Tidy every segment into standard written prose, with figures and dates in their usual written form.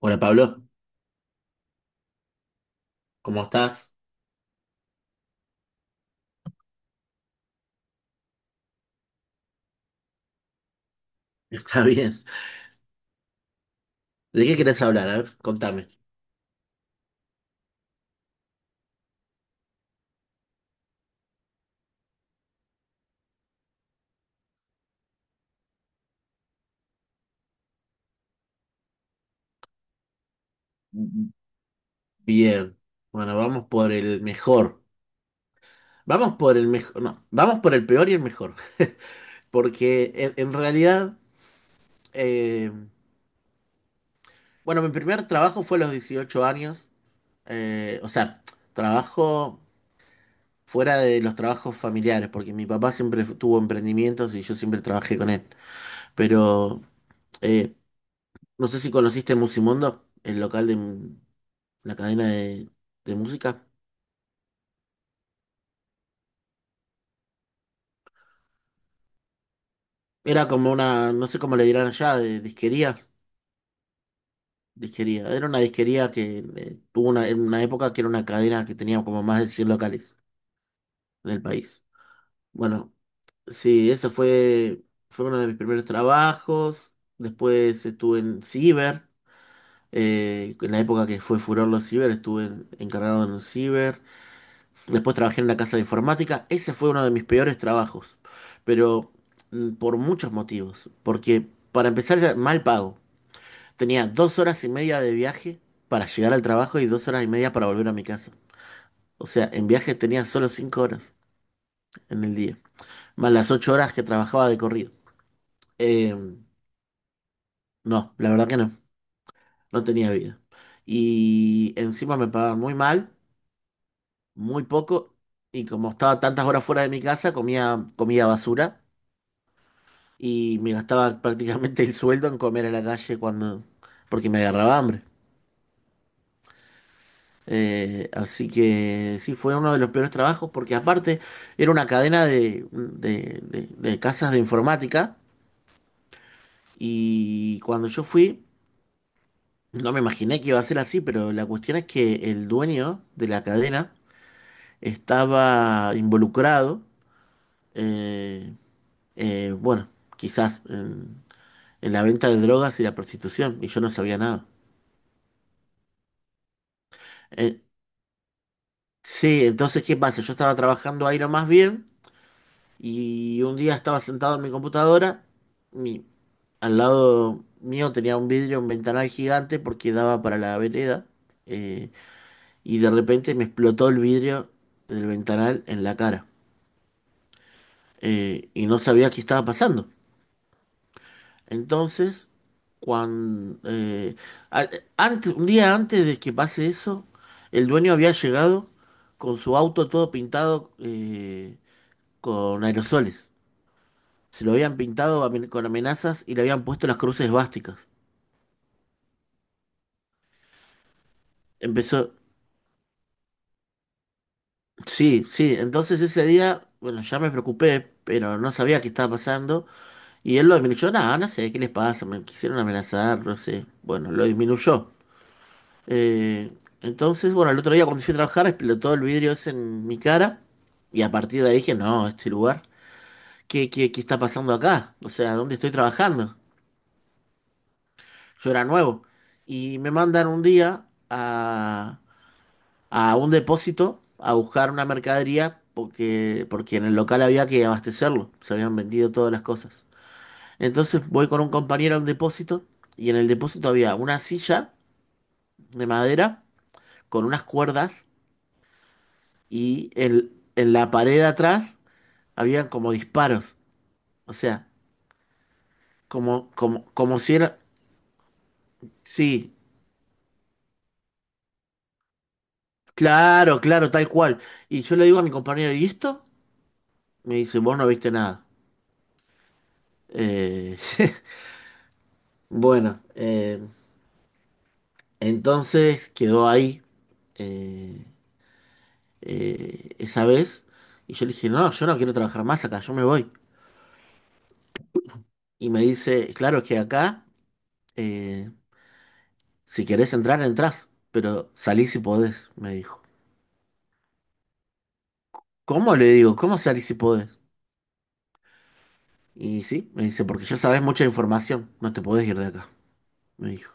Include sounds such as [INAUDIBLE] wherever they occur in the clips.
Hola Pablo, ¿cómo estás? [LAUGHS] Está bien. ¿De qué querés hablar? A ver, contame. Bien. Bueno, vamos por el mejor. Vamos por el mejor. No, vamos por el peor y el mejor. [LAUGHS] Porque en realidad, eh, bueno, mi primer trabajo fue a los 18 años. O sea, trabajo fuera de los trabajos familiares, porque mi papá siempre tuvo emprendimientos y yo siempre trabajé con él. Pero eh, no sé si conociste Musimundo, el local de, la cadena de música. Era como una, no sé cómo le dirán allá, de disquería. Disquería. Era una disquería que tuvo una, en una época que era una cadena que tenía como más de 100 locales en el país. Bueno, sí, eso fue uno de mis primeros trabajos. Después estuve en Ciber. En la época que fue furor los Ciber, estuve encargado en un Ciber. Después trabajé en la casa de informática. Ese fue uno de mis peores trabajos, pero por muchos motivos. Porque para empezar era mal pago. Tenía 2 horas y media de viaje para llegar al trabajo y 2 horas y media para volver a mi casa. O sea, en viaje tenía solo 5 horas en el día, más las 8 horas que trabajaba de corrido. Eh, no, la verdad que no, no tenía vida. Y encima me pagaban muy mal, muy poco, y como estaba tantas horas fuera de mi casa, comía comida basura y me gastaba prácticamente el sueldo en comer a la calle cuando, porque me agarraba hambre. Así que sí, fue uno de los peores trabajos porque aparte era una cadena de casas de informática y cuando yo fui, no me imaginé que iba a ser así, pero la cuestión es que el dueño de la cadena estaba involucrado, eh, bueno, quizás en, la venta de drogas y la prostitución y yo no sabía nada. Eh, Sí, entonces, ¿qué pasa? Yo estaba trabajando ahí lo más bien y un día estaba sentado en mi computadora. Mi, Al lado mío tenía un vidrio, un ventanal gigante porque daba para la vereda. eh, y de repente me explotó el vidrio del ventanal en la cara. Y no sabía qué estaba pasando. Entonces, cuando, eh, a- antes, un día antes de que pase eso, el dueño había llegado con su auto todo pintado con aerosoles. Se lo habían pintado con amenazas y le habían puesto las cruces básicas. Empezó, sí, sí, entonces ese día, bueno, ya me preocupé, pero no sabía qué estaba pasando. Y él lo disminuyó, nada, no sé, ¿qué les pasa? Me quisieron amenazar, no sé. Bueno, lo disminuyó. Eh, entonces, bueno, el otro día cuando fui a trabajar explotó el vidrio ese en mi cara. Y a partir de ahí dije, no, este lugar, ¿qué está pasando acá? O sea, ¿dónde estoy trabajando? Yo era nuevo. Y me mandan un día a un depósito a buscar una mercadería porque en el local había que abastecerlo, se habían vendido todas las cosas. Entonces voy con un compañero a un depósito y en el depósito había una silla de madera con unas cuerdas y en la pared de atrás habían como disparos, o sea, como si era. Sí, claro, claro, tal cual. Y yo le digo a mi compañero, ¿y esto? Me dice, vos no viste nada. Eh, [LAUGHS] Bueno, entonces quedó ahí eh, esa vez y yo le dije, no, yo no quiero trabajar más acá, yo me voy. Y me dice, claro es que acá, eh, si querés entrar, entrás, pero salí si podés, me dijo. ¿Cómo? Le digo, ¿cómo salí si podés? Y sí, me dice, porque ya sabés mucha información, no te podés ir de acá, me dijo.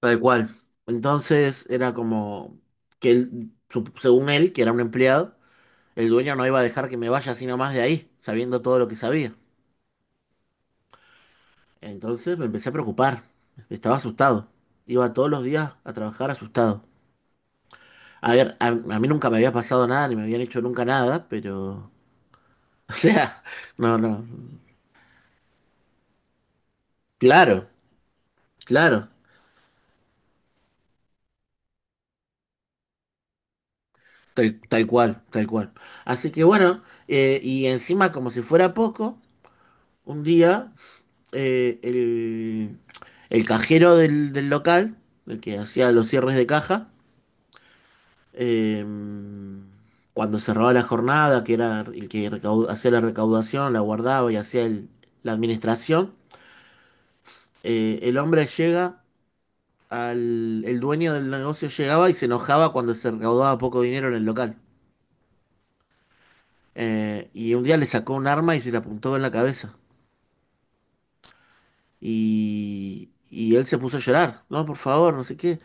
Tal cual. Entonces era como que él, según él, que era un empleado, el dueño no iba a dejar que me vaya así nomás de ahí, sabiendo todo lo que sabía. Entonces me empecé a preocupar, estaba asustado. Iba todos los días a trabajar asustado. A ver, a mí nunca me había pasado nada, ni me habían hecho nunca nada, pero. [LAUGHS] O sea, no, no. Claro, claro, tal cual, tal cual. Así que bueno, y encima como si fuera poco, un día eh, el, el cajero del local, el que hacía los cierres de caja, Eh, cuando cerraba la jornada, que era el que hacía la recaudación, la guardaba y hacía la administración, eh, el hombre llega el dueño del negocio llegaba y se enojaba cuando se recaudaba poco dinero en el local. Y un día le sacó un arma y se le apuntó en la cabeza. Y él se puso a llorar, no, por favor, no sé qué.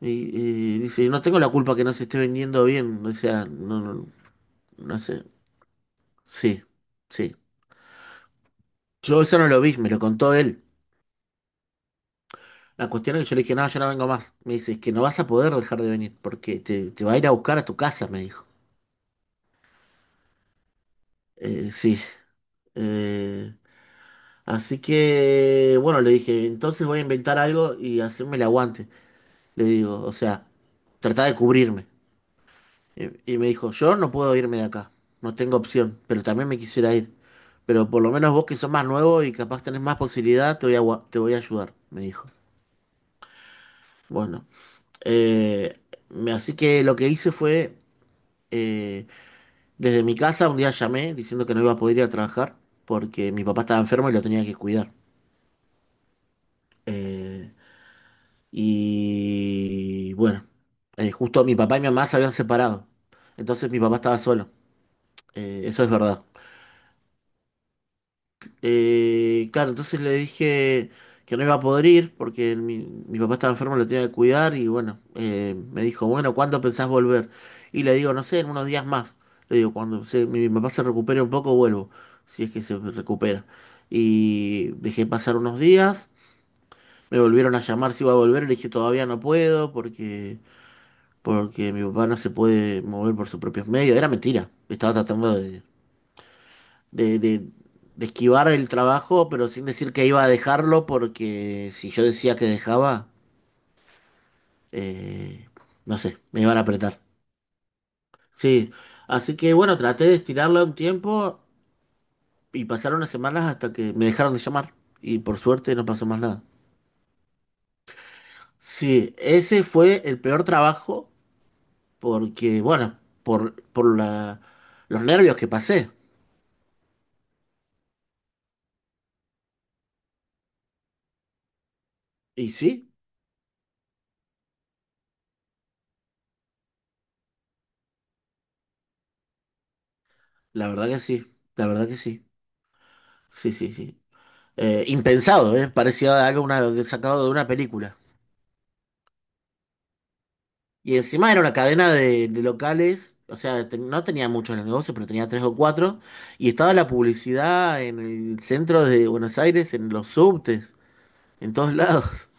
Y dice, no tengo la culpa que no se esté vendiendo bien, o sea, no, no, no sé. Sí, sí. Yo eso no lo vi, me lo contó él. La cuestión es que yo le dije, no, yo no vengo más. Me dice, es que no vas a poder dejar de venir porque te va a ir a buscar a tu casa, me dijo. Sí. Eh, Así que, bueno, le dije, entonces voy a inventar algo y hacerme el aguante. Le digo, o sea, trata de cubrirme. Y me dijo, yo no puedo irme de acá, no tengo opción, pero también me quisiera ir. Pero por lo menos vos que sos más nuevo y capaz tenés más posibilidad, te voy a ayudar, me dijo. Bueno. Eh, Así que lo que hice fue, eh, desde mi casa un día llamé diciendo que no iba a poder ir a trabajar porque mi papá estaba enfermo y lo tenía que cuidar. Eh, y bueno, justo mi papá y mi mamá se habían separado, entonces mi papá estaba solo. Eso es verdad. Claro, entonces le dije que no iba a poder ir porque mi papá estaba enfermo, lo tenía que cuidar y bueno, me dijo, bueno, ¿cuándo pensás volver? Y le digo, no sé, en unos días más. Le digo, mi papá se recupere un poco, vuelvo, si es que se recupera. Y dejé pasar unos días, me volvieron a llamar si iba a volver, le dije, todavía no puedo porque mi papá no se puede mover por sus propios medios. Era mentira, estaba tratando de, de- de esquivar el trabajo, pero sin decir que iba a dejarlo, porque si yo decía que dejaba, eh, no sé, me iban a apretar. Sí, así que bueno, traté de estirarla un tiempo y pasaron unas semanas hasta que me dejaron de llamar y por suerte no pasó más nada. Sí, ese fue el peor trabajo porque, bueno, los nervios que pasé. Y sí, la verdad que sí, la verdad que sí. Sí, sí, sí. Impensado, ¿eh? Parecía algo sacado de una película. Y encima era una cadena de locales, o sea, no tenía muchos los negocios, pero tenía tres o cuatro. Y estaba la publicidad en el centro de Buenos Aires, en los subtes, en todos [LAUGHS] lados.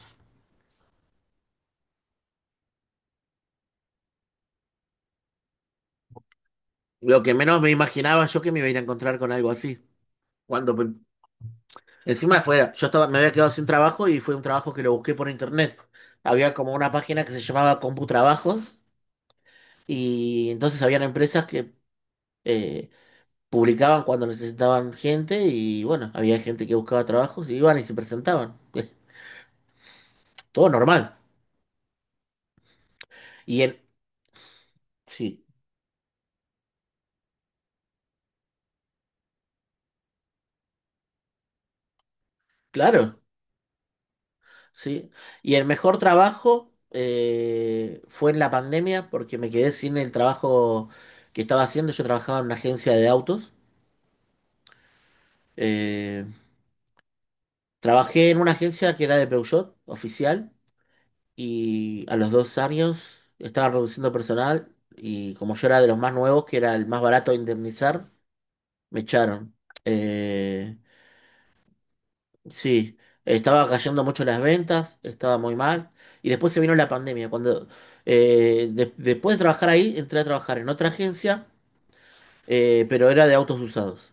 Lo que menos me imaginaba yo que me iba a ir a encontrar con algo así. Cuando pe- Encima fuera, me había quedado sin trabajo y fue un trabajo que lo busqué por internet. Había como una página que se llamaba CompuTrabajos y entonces habían empresas que eh, publicaban cuando necesitaban gente y bueno, había gente que buscaba trabajos y iban y se presentaban. Todo normal. Y el, sí, claro, sí. Y el mejor trabajo fue en la pandemia porque me quedé sin el trabajo que estaba haciendo. Yo trabajaba en una agencia de autos. Eh, Trabajé en una agencia que era de Peugeot, oficial, y a los 2 años estaba reduciendo personal. Y como yo era de los más nuevos, que era el más barato de indemnizar, me echaron. Eh, sí, estaba cayendo mucho las ventas, estaba muy mal. Y después se vino la pandemia. Después de trabajar ahí, entré a trabajar en otra agencia, pero era de autos usados.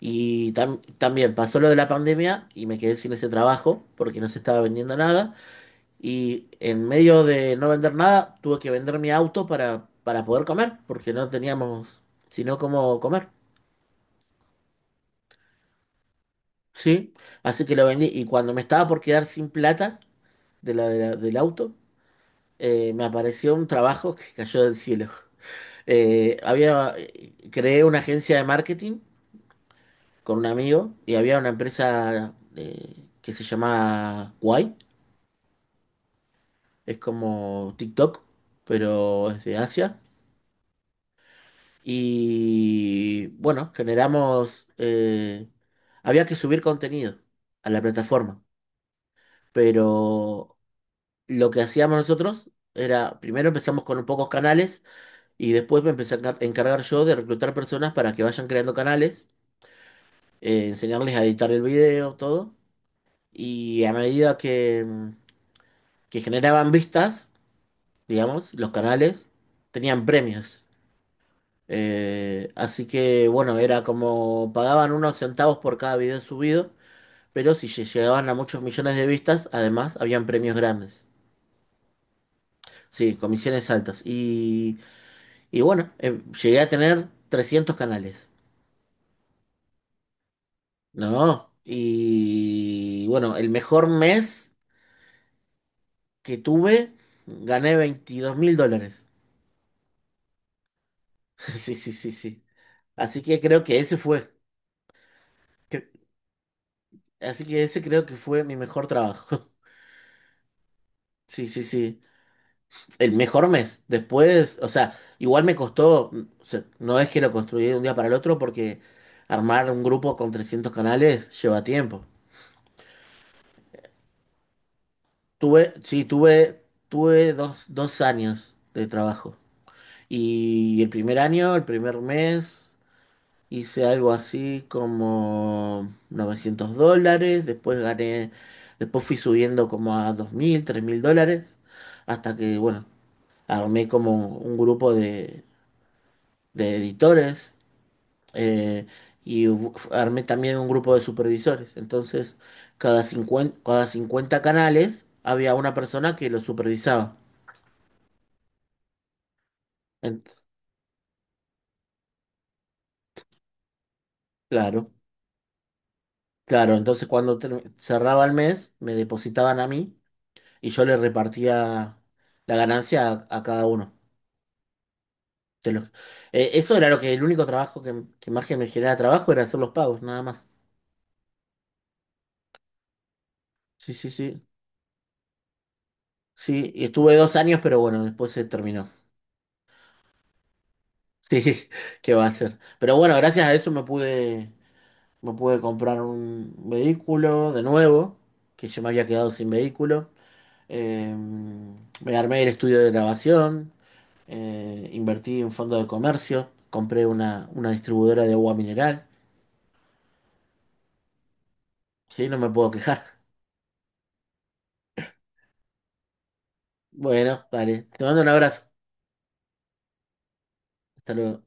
Y también pasó lo de la pandemia y me quedé sin ese trabajo porque no se estaba vendiendo nada. Y en medio de no vender nada, tuve que vender mi auto para poder comer, porque no teníamos sino cómo comer. Sí, así que lo vendí. Y cuando me estaba por quedar sin plata del auto, me apareció un trabajo que cayó del cielo. [LAUGHS] Creé una agencia de marketing con un amigo y había una empresa que se llama Kwai, es como TikTok, pero es de Asia. Y bueno, había que subir contenido a la plataforma, pero lo que hacíamos nosotros era, primero empezamos con pocos canales y después me empecé a encargar yo de reclutar personas para que vayan creando canales, enseñarles a editar el video, todo. Y a medida que, que generaban vistas, digamos, los canales tenían premios. Así que bueno, era como pagaban unos centavos por cada video subido, pero si llegaban a muchos millones de vistas, además habían premios grandes. Sí, comisiones altas. Y bueno, llegué a tener 300 canales. No. Y bueno, el mejor mes que tuve, gané US$22.000. [LAUGHS] Sí, sí, sí, sí. Así que creo que ese fue. cre- Así que ese creo que fue mi mejor trabajo. [LAUGHS] Sí, sí, sí. El mejor mes. Después, o sea, igual me costó, o sea, no es que lo construí de un día para el otro porque armar un grupo con 300 canales lleva tiempo. Sí, tuve dos años de trabajo. Y el primer año, el primer mes, hice algo así como US$900. Después fui subiendo como a 2.000 US$3.000. Hasta que, bueno, armé como un grupo de editores. eh, y armé también un grupo de supervisores. Entonces, cada 50 canales había una persona que los supervisaba. En- Claro, claro. Entonces cuando cerraba el mes, me depositaban a mí y yo le repartía la ganancia a cada uno. Se los- Eso era lo que el único trabajo que más que me generaba trabajo era hacer los pagos, nada más. Sí, sí, sí. Sí, y estuve 2 años, pero bueno, después se terminó. [LAUGHS] Sí, ¿qué va a hacer? Pero bueno, gracias a eso me pude, comprar un vehículo de nuevo, que yo me había quedado sin vehículo. Eh, Me armé el estudio de grabación. Invertí en fondo de comercio, compré una distribuidora de agua mineral, sí, no me puedo quejar. [LAUGHS] Bueno, vale, te mando un abrazo, hasta luego.